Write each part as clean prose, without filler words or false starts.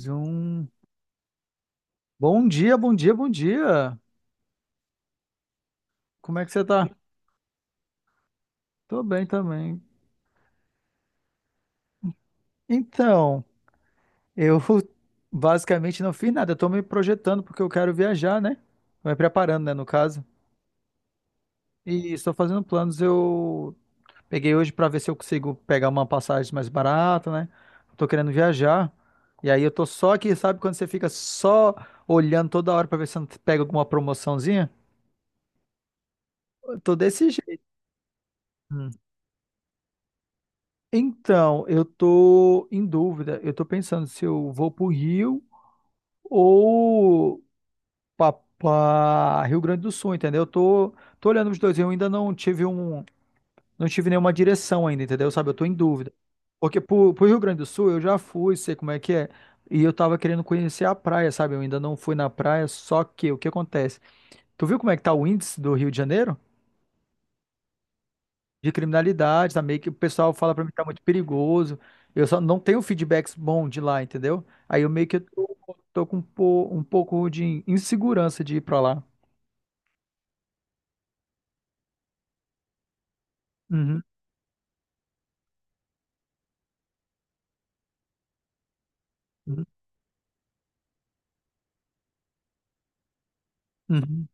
Zoom. Bom dia, bom dia, bom dia. Como é que você tá? Tô bem também. Então, eu basicamente não fiz nada. Eu tô me projetando porque eu quero viajar, né? Tô me preparando, né, no caso. E estou fazendo planos. Eu peguei hoje pra ver se eu consigo pegar uma passagem mais barata, né? Tô querendo viajar. E aí eu tô só aqui, sabe quando você fica só olhando toda hora pra ver se não pega alguma promoçãozinha? Eu tô desse jeito. Então, eu tô em dúvida. Eu tô pensando se eu vou pro Rio ou para Rio Grande do Sul, entendeu? Tô olhando os dois. Eu ainda não tive não tive nenhuma direção ainda, entendeu? Sabe, eu tô em dúvida. Porque pro Rio Grande do Sul eu já fui, sei como é que é. E eu tava querendo conhecer a praia, sabe? Eu ainda não fui na praia, só que o que acontece? Tu viu como é que tá o índice do Rio de Janeiro? De criminalidade, tá meio que o pessoal fala pra mim que tá muito perigoso. Eu só não tenho feedbacks bons de lá, entendeu? Aí eu meio que tô com um pouco de insegurança de ir pra lá. Uhum, uhum, uhum,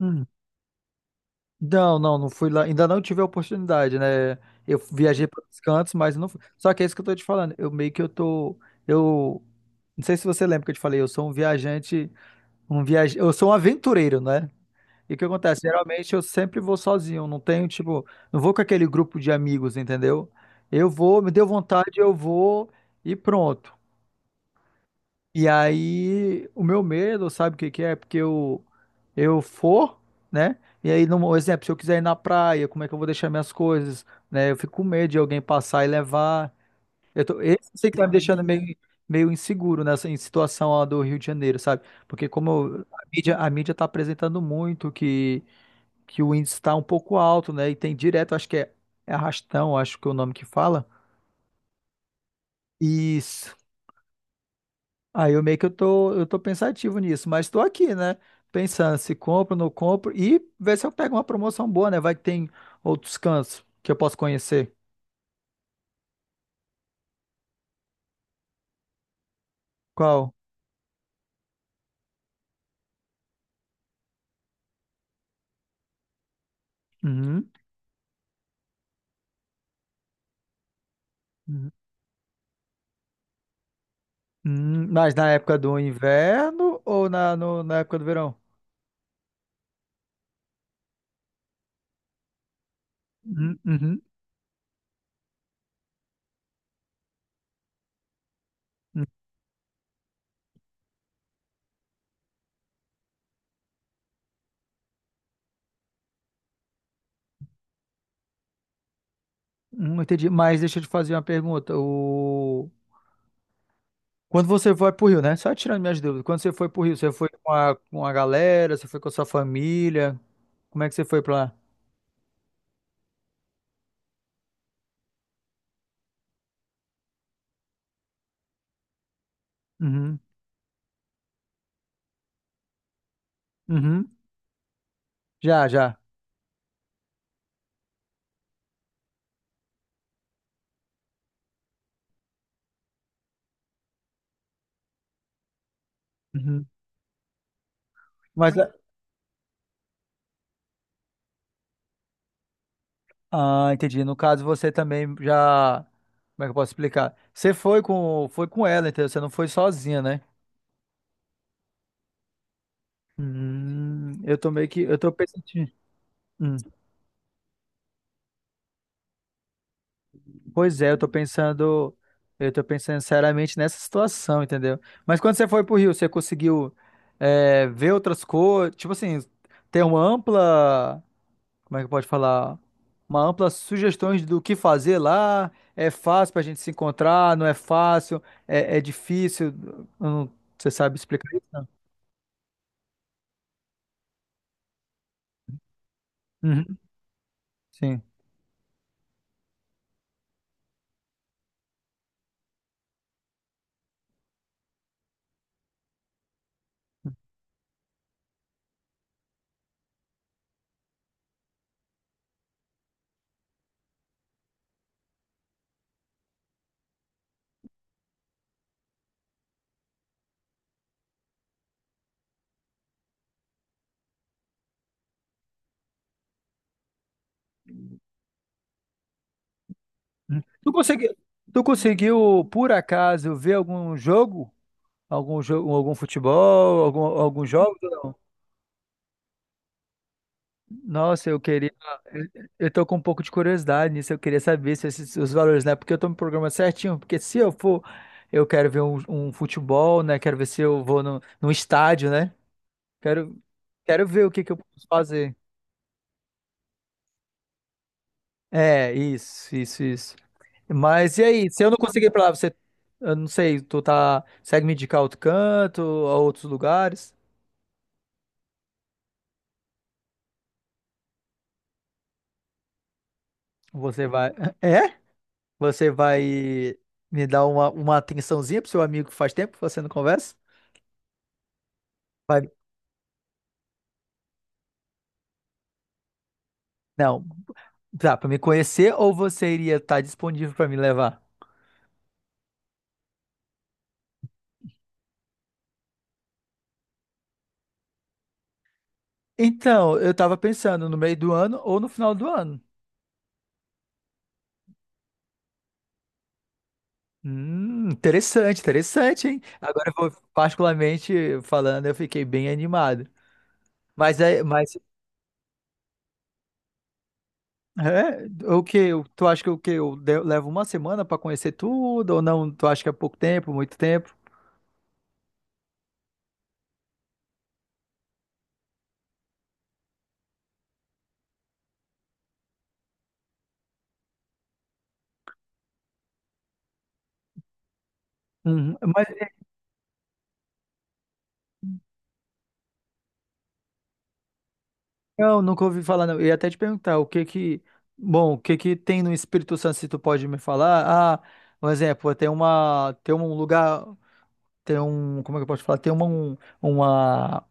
uhum. Não, não, não fui lá. Ainda não tive a oportunidade, né? Eu viajei para os cantos, mas não fui. Só que é isso que eu tô te falando. Eu meio que eu tô. Eu não sei se você lembra que eu te falei, eu sou um viajante, eu sou um aventureiro, né? E o que acontece? Geralmente eu sempre vou sozinho, não tenho, tipo, não vou com aquele grupo de amigos, entendeu? Eu vou, me deu vontade, eu vou e pronto. E aí, o meu medo, sabe o que que é? Porque eu for, né? E aí, no exemplo, se eu quiser ir na praia, como é que eu vou deixar minhas coisas, né? Eu fico com medo de alguém passar e levar. Eu tô, esse sei que tá me deixando meio inseguro nessa em situação lá do Rio de Janeiro, sabe? Porque como eu- a mídia tá apresentando muito que o índice está um pouco alto, né? E tem direto, é arrastão, acho que é o nome que fala. Isso. Aí eu meio que eu tô pensativo nisso, mas tô aqui, né? Pensando se compro, não compro e ver se eu pego uma promoção boa, né? Vai que tem outros cantos que eu posso conhecer. Qual? Uhum. Uhum. Mas na época do inverno ou na, no- na época do verão? Uhum. Uhum. Entendi. Mas deixa eu te fazer uma pergunta. O... Quando você vai pro Rio, né? Só tirando minhas dúvidas. Quando você foi pro Rio, você foi com com a galera, você foi com a sua família? Como é que você foi pra lá? Uhum. Uhum. Já, já. Uhum. Mas, ah, entendi. No caso, você também já. Como é que eu posso explicar? Você foi foi com ela, entendeu? Você não foi sozinha, né? Eu tô meio que. Eu tô pensando. Pois é, eu tô pensando seriamente nessa situação, entendeu? Mas quando você foi pro Rio, você conseguiu ver outras coisas, tipo assim, ter uma ampla, como é que pode falar? Uma ampla sugestões do que fazer lá. É fácil pra gente se encontrar, não é fácil, é difícil. Eu não- você sabe explicar isso? Não? Uhum, sim. Uhum. Tu conseguiu, por acaso, ver algum jogo? Algum jogo, algum futebol, algum jogo? Nossa, eu queria. Eu tô com um pouco de curiosidade nisso. Eu queria saber se esses, os valores, né? Porque eu tô no programa certinho. Porque se eu for, eu quero ver um futebol, né? Quero ver se eu vou no, num estádio, né? Quero, quero ver o que que eu posso fazer. É, isso, isso, isso. Mas e aí? Se eu não conseguir ir pra lá, você. Eu não sei, tu tá. Segue me indicar outro canto, a outros lugares? Você vai. É? Você vai me dar uma atençãozinha pro seu amigo que faz tempo que você não conversa? Vai, não, tá, pra me conhecer ou você iria estar disponível pra me levar? Então, eu tava pensando no meio do ano ou no final do ano. Interessante, interessante, hein? Agora eu vou, particularmente falando, eu fiquei bem animado. Mas é, o que? Tu acha que o que eu de- levo uma semana pra conhecer tudo ou não? Tu acha que é pouco tempo, muito tempo? Uhum. Não, nunca ouvi falar, não. Eu ia até te perguntar bom, o que que tem no Espírito Santo, se tu pode me falar? Ah, um exemplo, tem uma, tem um lugar, tem um, como é que eu posso falar? Tem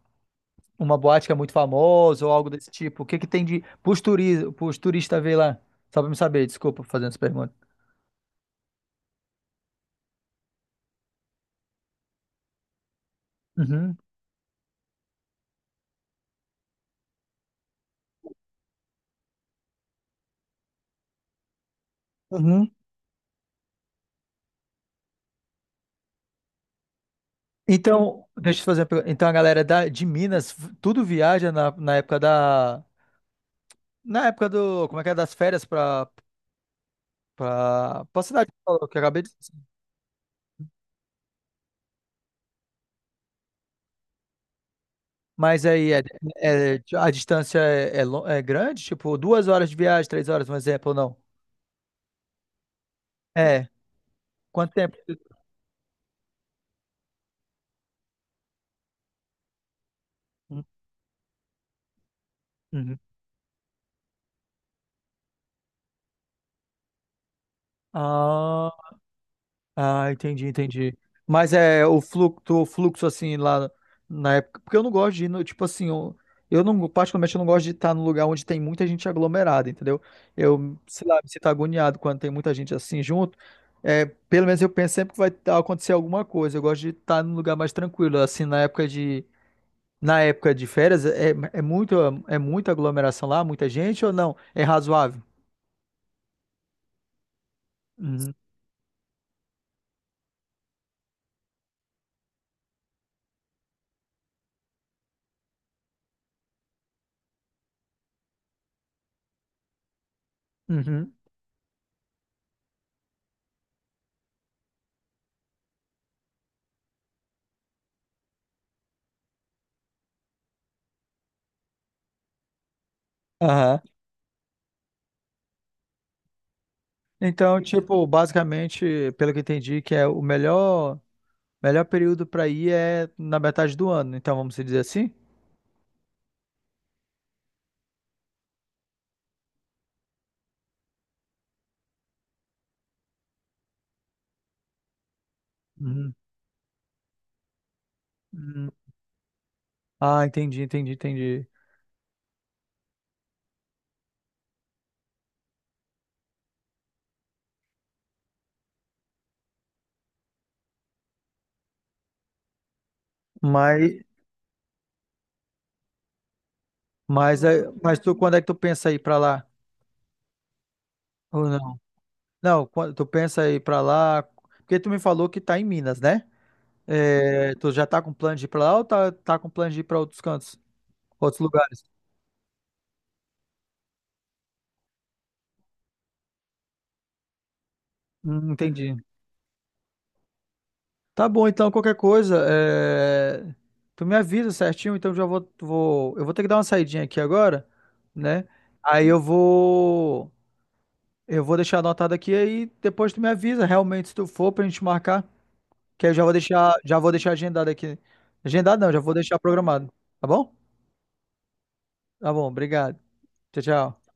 uma boate que é muito famosa ou algo desse tipo. O que que tem de, pros turistas ver lá? Só pra me saber, desculpa fazendo essa pergunta. Uhum, uhum. Então, deixa eu te fazer uma pergunta. Então, a galera de Minas, tudo viaja na época na época do, como é que é, das férias pra, pra cidade que eu acabei de dizer. Mas aí é, é- a distância é, lo- é grande? Tipo, duas horas de viagem, três horas, um exemplo, ou não? É. Quanto tempo? Uhum. Ah. Ah, entendi, entendi. Mas é o fluxo assim lá na época, porque eu não gosto de ir no, tipo assim, eu não, particularmente eu não gosto de estar num lugar onde tem muita gente aglomerada, entendeu? Eu, sei lá, me sinto agoniado quando tem muita gente assim junto. É, pelo menos eu penso sempre que vai tá- acontecer alguma coisa. Eu gosto de estar num lugar mais tranquilo, assim, na época de férias é muito é muita aglomeração lá, muita gente ou não? É razoável? Uhum. Uhum. Aham. Então, tipo, basicamente, pelo que eu entendi, que é o melhor, melhor período para ir é na metade do ano. Então, vamos dizer assim? Uhum. Uhum. Ah, entendi, entendi, entendi. Mas, mas, é- mas tu, quando é que tu pensa ir para lá? Ou não? Não, quando tu pensa ir para lá, porque tu me falou que tá em Minas, né? É, tu já tá com plano de ir para lá ou tá com plano de ir para outros cantos, outros lugares? Entendi. Tá bom, então, qualquer coisa, é, tu me avisa certinho, então eu vou ter que dar uma saidinha aqui agora, né? Aí eu vou deixar anotado aqui, aí depois tu me avisa realmente se tu for pra gente marcar, que aí eu já vou deixar agendado aqui. Agendado não, já vou deixar programado, tá bom? Tá bom, obrigado. Tchau, tchau.